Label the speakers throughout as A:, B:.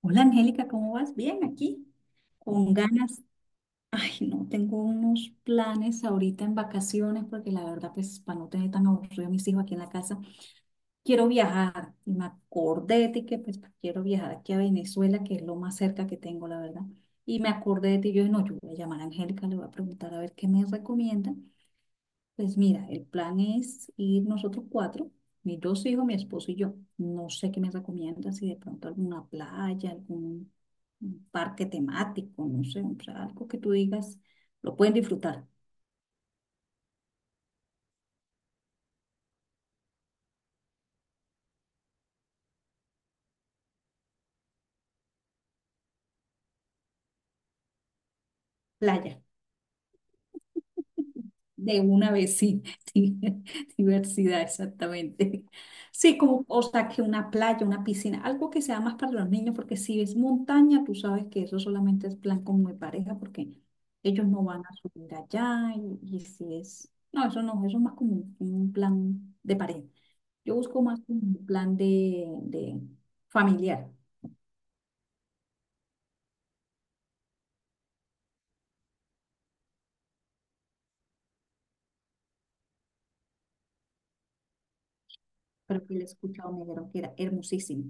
A: Hola Angélica, ¿cómo vas? Bien, aquí, con ganas. Ay, no, tengo unos planes ahorita en vacaciones porque la verdad, pues, para no tener tan aburrido a mis hijos aquí en la casa, quiero viajar. Y me acordé de ti que, pues, quiero viajar aquí a Venezuela, que es lo más cerca que tengo, la verdad. Y me acordé de ti, yo, no, yo voy a llamar a Angélica, le voy a preguntar a ver qué me recomienda. Pues mira, el plan es ir nosotros cuatro, mis dos hijos, mi esposo y yo. No sé qué me recomienda, si de pronto alguna playa, algún un parque temático, no sé, o sea, algo que tú digas, lo pueden disfrutar, playa, de una vez, sí, sí, diversidad, exactamente. Sí, como, o sea, que una playa, una piscina, algo que sea más para los niños, porque si es montaña, tú sabes que eso solamente es plan como de pareja, porque ellos no van a subir allá, y si es, no, eso no, eso es más como un plan de pareja. Yo busco más como un plan de familiar. Pero que le he escuchado negro, que era hermosísimo.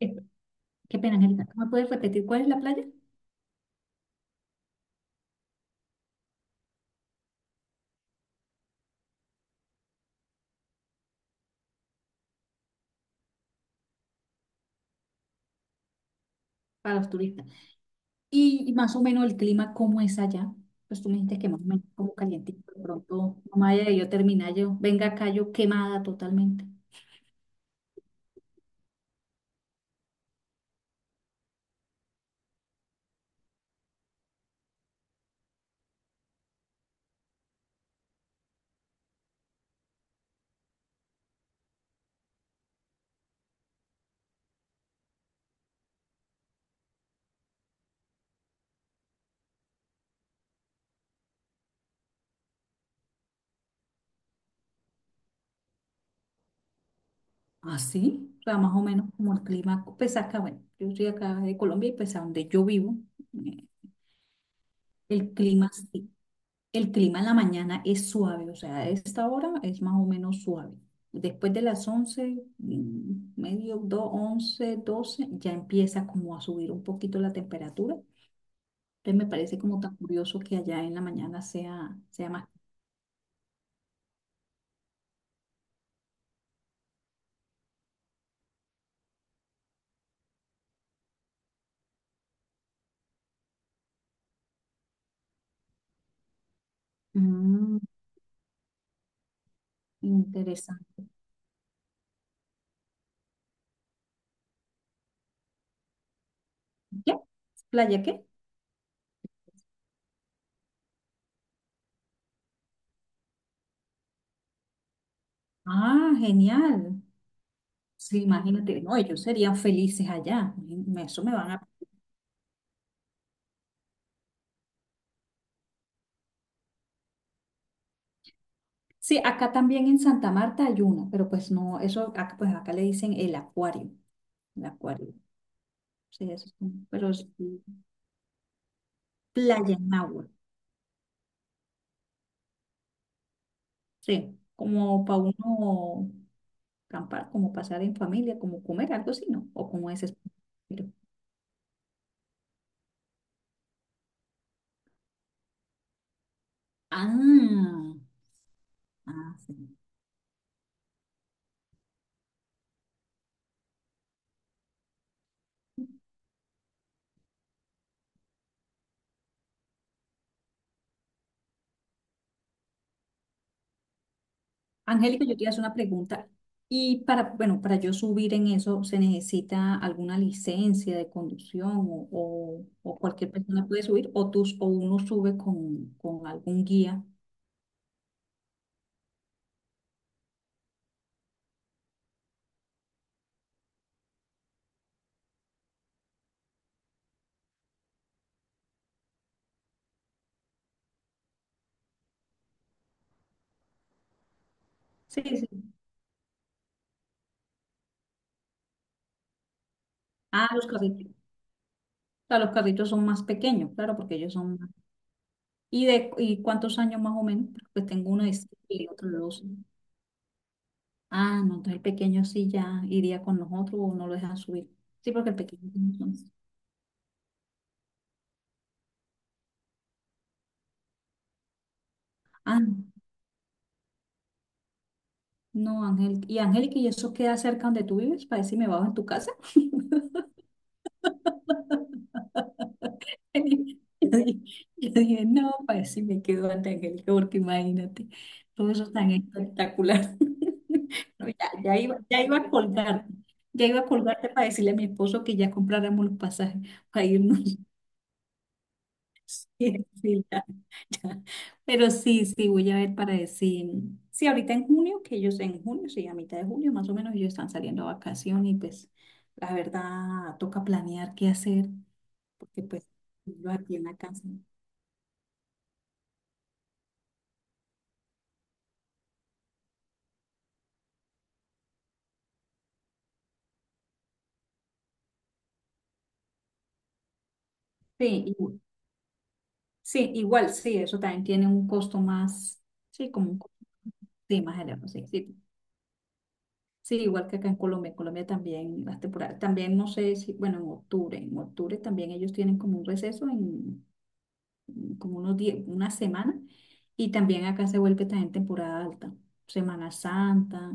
A: Eh, Qué pena, Angélica, ¿me puedes repetir cuál es la playa? Para los turistas. Y más o menos el clima, ¿cómo es allá? Pues tú me dijiste que más o menos como calientito, de pronto, no me haya yo terminar yo, venga acá yo quemada totalmente. ¿Ah, sí? O sea, más o menos como el clima, pues acá, bueno, yo estoy acá de Colombia y pues a donde yo vivo, eh, el clima sí. El clima en la mañana es suave, o sea, a esta hora es más o menos suave. Después de las 11, medio, 2, 11 12, ya empieza como a subir un poquito la temperatura. Entonces me parece como tan curioso que allá en la mañana sea más. Mm, interesante. ¿Qué? ¿Playa qué? Ah, genial. Sí, imagínate, no, ellos serían felices allá. Me- eso me van a... Sí, acá también en Santa Marta hay una, pero pues no, eso, acá- pues acá le dicen el acuario. El acuario. Sí, eso es como- pero es playa en agua. Sí, como para uno acampar, como pasar en familia, como comer algo así, ¿no? O como ese estilo. Ah, ah, sí. Angélica, yo te iba a hacer una pregunta. Y para, bueno, para yo subir en eso, ¿se necesita alguna licencia de conducción o- o cualquier persona puede subir? ¿O, tus, o uno sube con algún guía? Sí, sí. Ah, los carritos. O los carritos son más pequeños, claro, porque ellos son. ¿Y cuántos años más o menos? Pues tengo uno de siete y otro de 12. Ah, no, entonces el pequeño sí ya iría con nosotros o no lo dejan subir. Sí, porque el pequeño tiene once. Ah, no, Ángel. ¿Y Angélica, y eso queda cerca donde tú vives? Para decirme, bajo en tu casa. Yo dije, no, para decirme me quedo ante Angélica, porque imagínate, todo eso es tan espectacular. No, ya, ya iba a colgarte, ya iba a colgarte para decirle a mi esposo que ya compráramos los pasajes para irnos. Sí, sí, ya, ya. Pero sí, sí, voy a ver para decir. Sí, ahorita en junio, que ellos en junio, sí, a mitad de junio más o menos, ellos están saliendo a vacación y pues la verdad toca planear qué hacer, porque pues yo aquí en la casa. Sí, igu- sí, igual, sí, eso también tiene un costo más, sí, como un costo sí, más elevado, sí, sí. Sí, igual que acá en Colombia también las temporadas, también no sé si, bueno, en octubre también ellos tienen como un receso como unos una semana. Y también acá se vuelve también temporada alta, Semana Santa.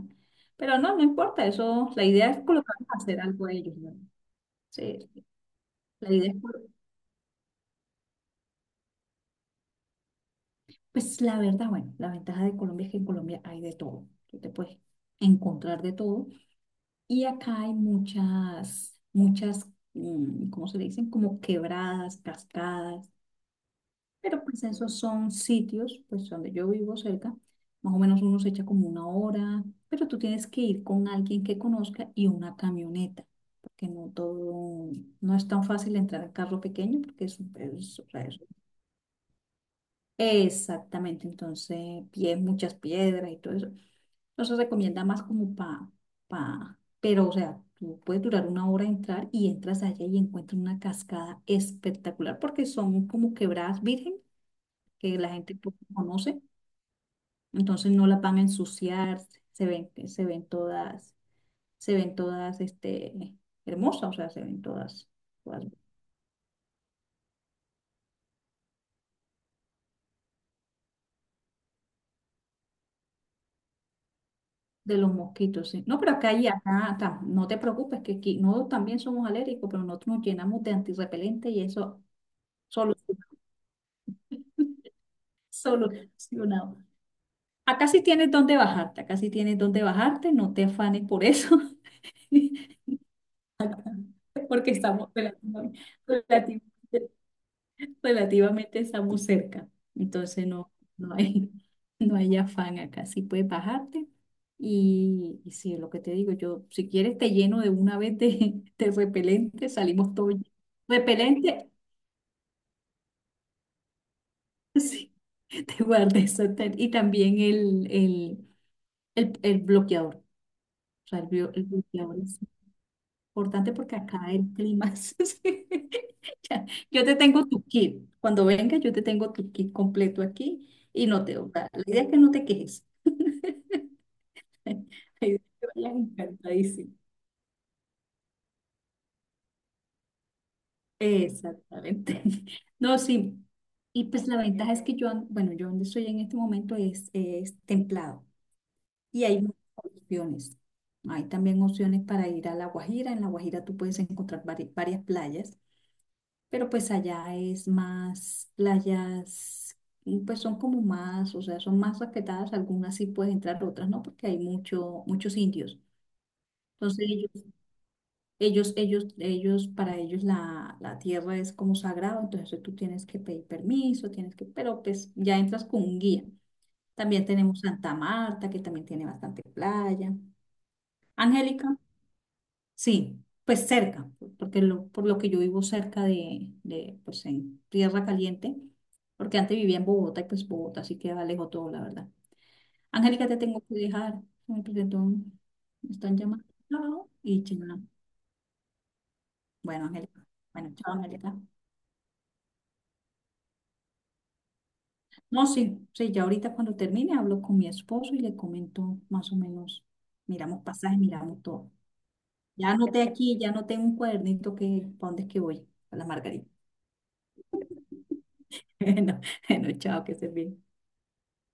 A: Pero no, no importa, eso, la idea es colocarlos a hacer algo a ellos, ¿no? Sí, la idea es, por- pues la verdad, bueno, la ventaja de Colombia es que en Colombia hay de todo, tú te puedes encontrar de todo. Y acá hay muchas, muchas, ¿cómo se le dicen? Como quebradas, cascadas. Pero pues esos son sitios, pues donde yo vivo cerca, más o menos uno se echa como una hora, pero tú tienes que ir con alguien que conozca y una camioneta, porque no todo, no es tan fácil entrar a carro pequeño, porque es- o sea, es- exactamente, entonces pies, muchas piedras y todo eso. Entonces recomienda más como pa, pero o sea, tú puedes durar una hora entrar y entras allá y encuentras una cascada espectacular, porque son como quebradas virgen que la gente poco conoce, entonces no las van a ensuciar, se ven todas, se ven todas este, hermosas, o sea, se ven todas, todas de los mosquitos, sí. No, pero acá y acá, ta- no te preocupes, que aquí no también somos alérgicos, pero nosotros nos llenamos de antirrepelente y eso solo solucionado. Acá sí tienes dónde bajarte, acá sí tienes dónde bajarte, no te afanes por eso, porque estamos relativo- relativamente relativamente estamos cerca, entonces no, no hay, no hay afán acá, sí puedes bajarte y sí, lo que te digo, yo si quieres te lleno de una vez de, de repelente, salimos todos llenos. Repelente, sí, te guardé eso tal, y también el bloqueador, o sea, el, bio- el bloqueador. Importante porque acá el clima es... ya. Yo te tengo tu kit. Cuando venga, yo te tengo tu kit completo aquí y no te... o sea, la idea es que no te quejes. La idea es que vayas encantadísimo. Exactamente. No, sí. Y pues la ventaja es que yo, an- bueno, yo donde estoy en este momento es templado y hay muchas opciones. Hay también opciones para ir a La Guajira. En La Guajira tú puedes encontrar vari- varias playas. Pero pues allá es más playas, y, pues son como más, o sea, son más respetadas, algunas sí puedes entrar, otras no, porque hay mucho, muchos indios. Entonces ellos, para ellos la, la tierra es como sagrado, entonces tú tienes que pedir permiso, tienes que, pero pues ya entras con un guía. También tenemos Santa Marta, que también tiene bastante playa. Angélica, sí, pues cerca, porque lo, por lo que yo vivo cerca de, pues en Tierra Caliente, porque antes vivía en Bogotá y pues Bogotá sí queda lejos todo, la verdad. Angélica, te tengo que dejar. Me presentó un- me están llamando. No, y chino. Bueno, Angélica. Bueno, chao, Angélica. No, sí, sí, ya ahorita cuando termine hablo con mi esposo y le comento más o menos, miramos pasajes, miramos todo. Ya anoté aquí, ya anoté un cuadernito que, ¿para dónde es que voy? A la Margarita. Bueno, bueno, chao, que se bien.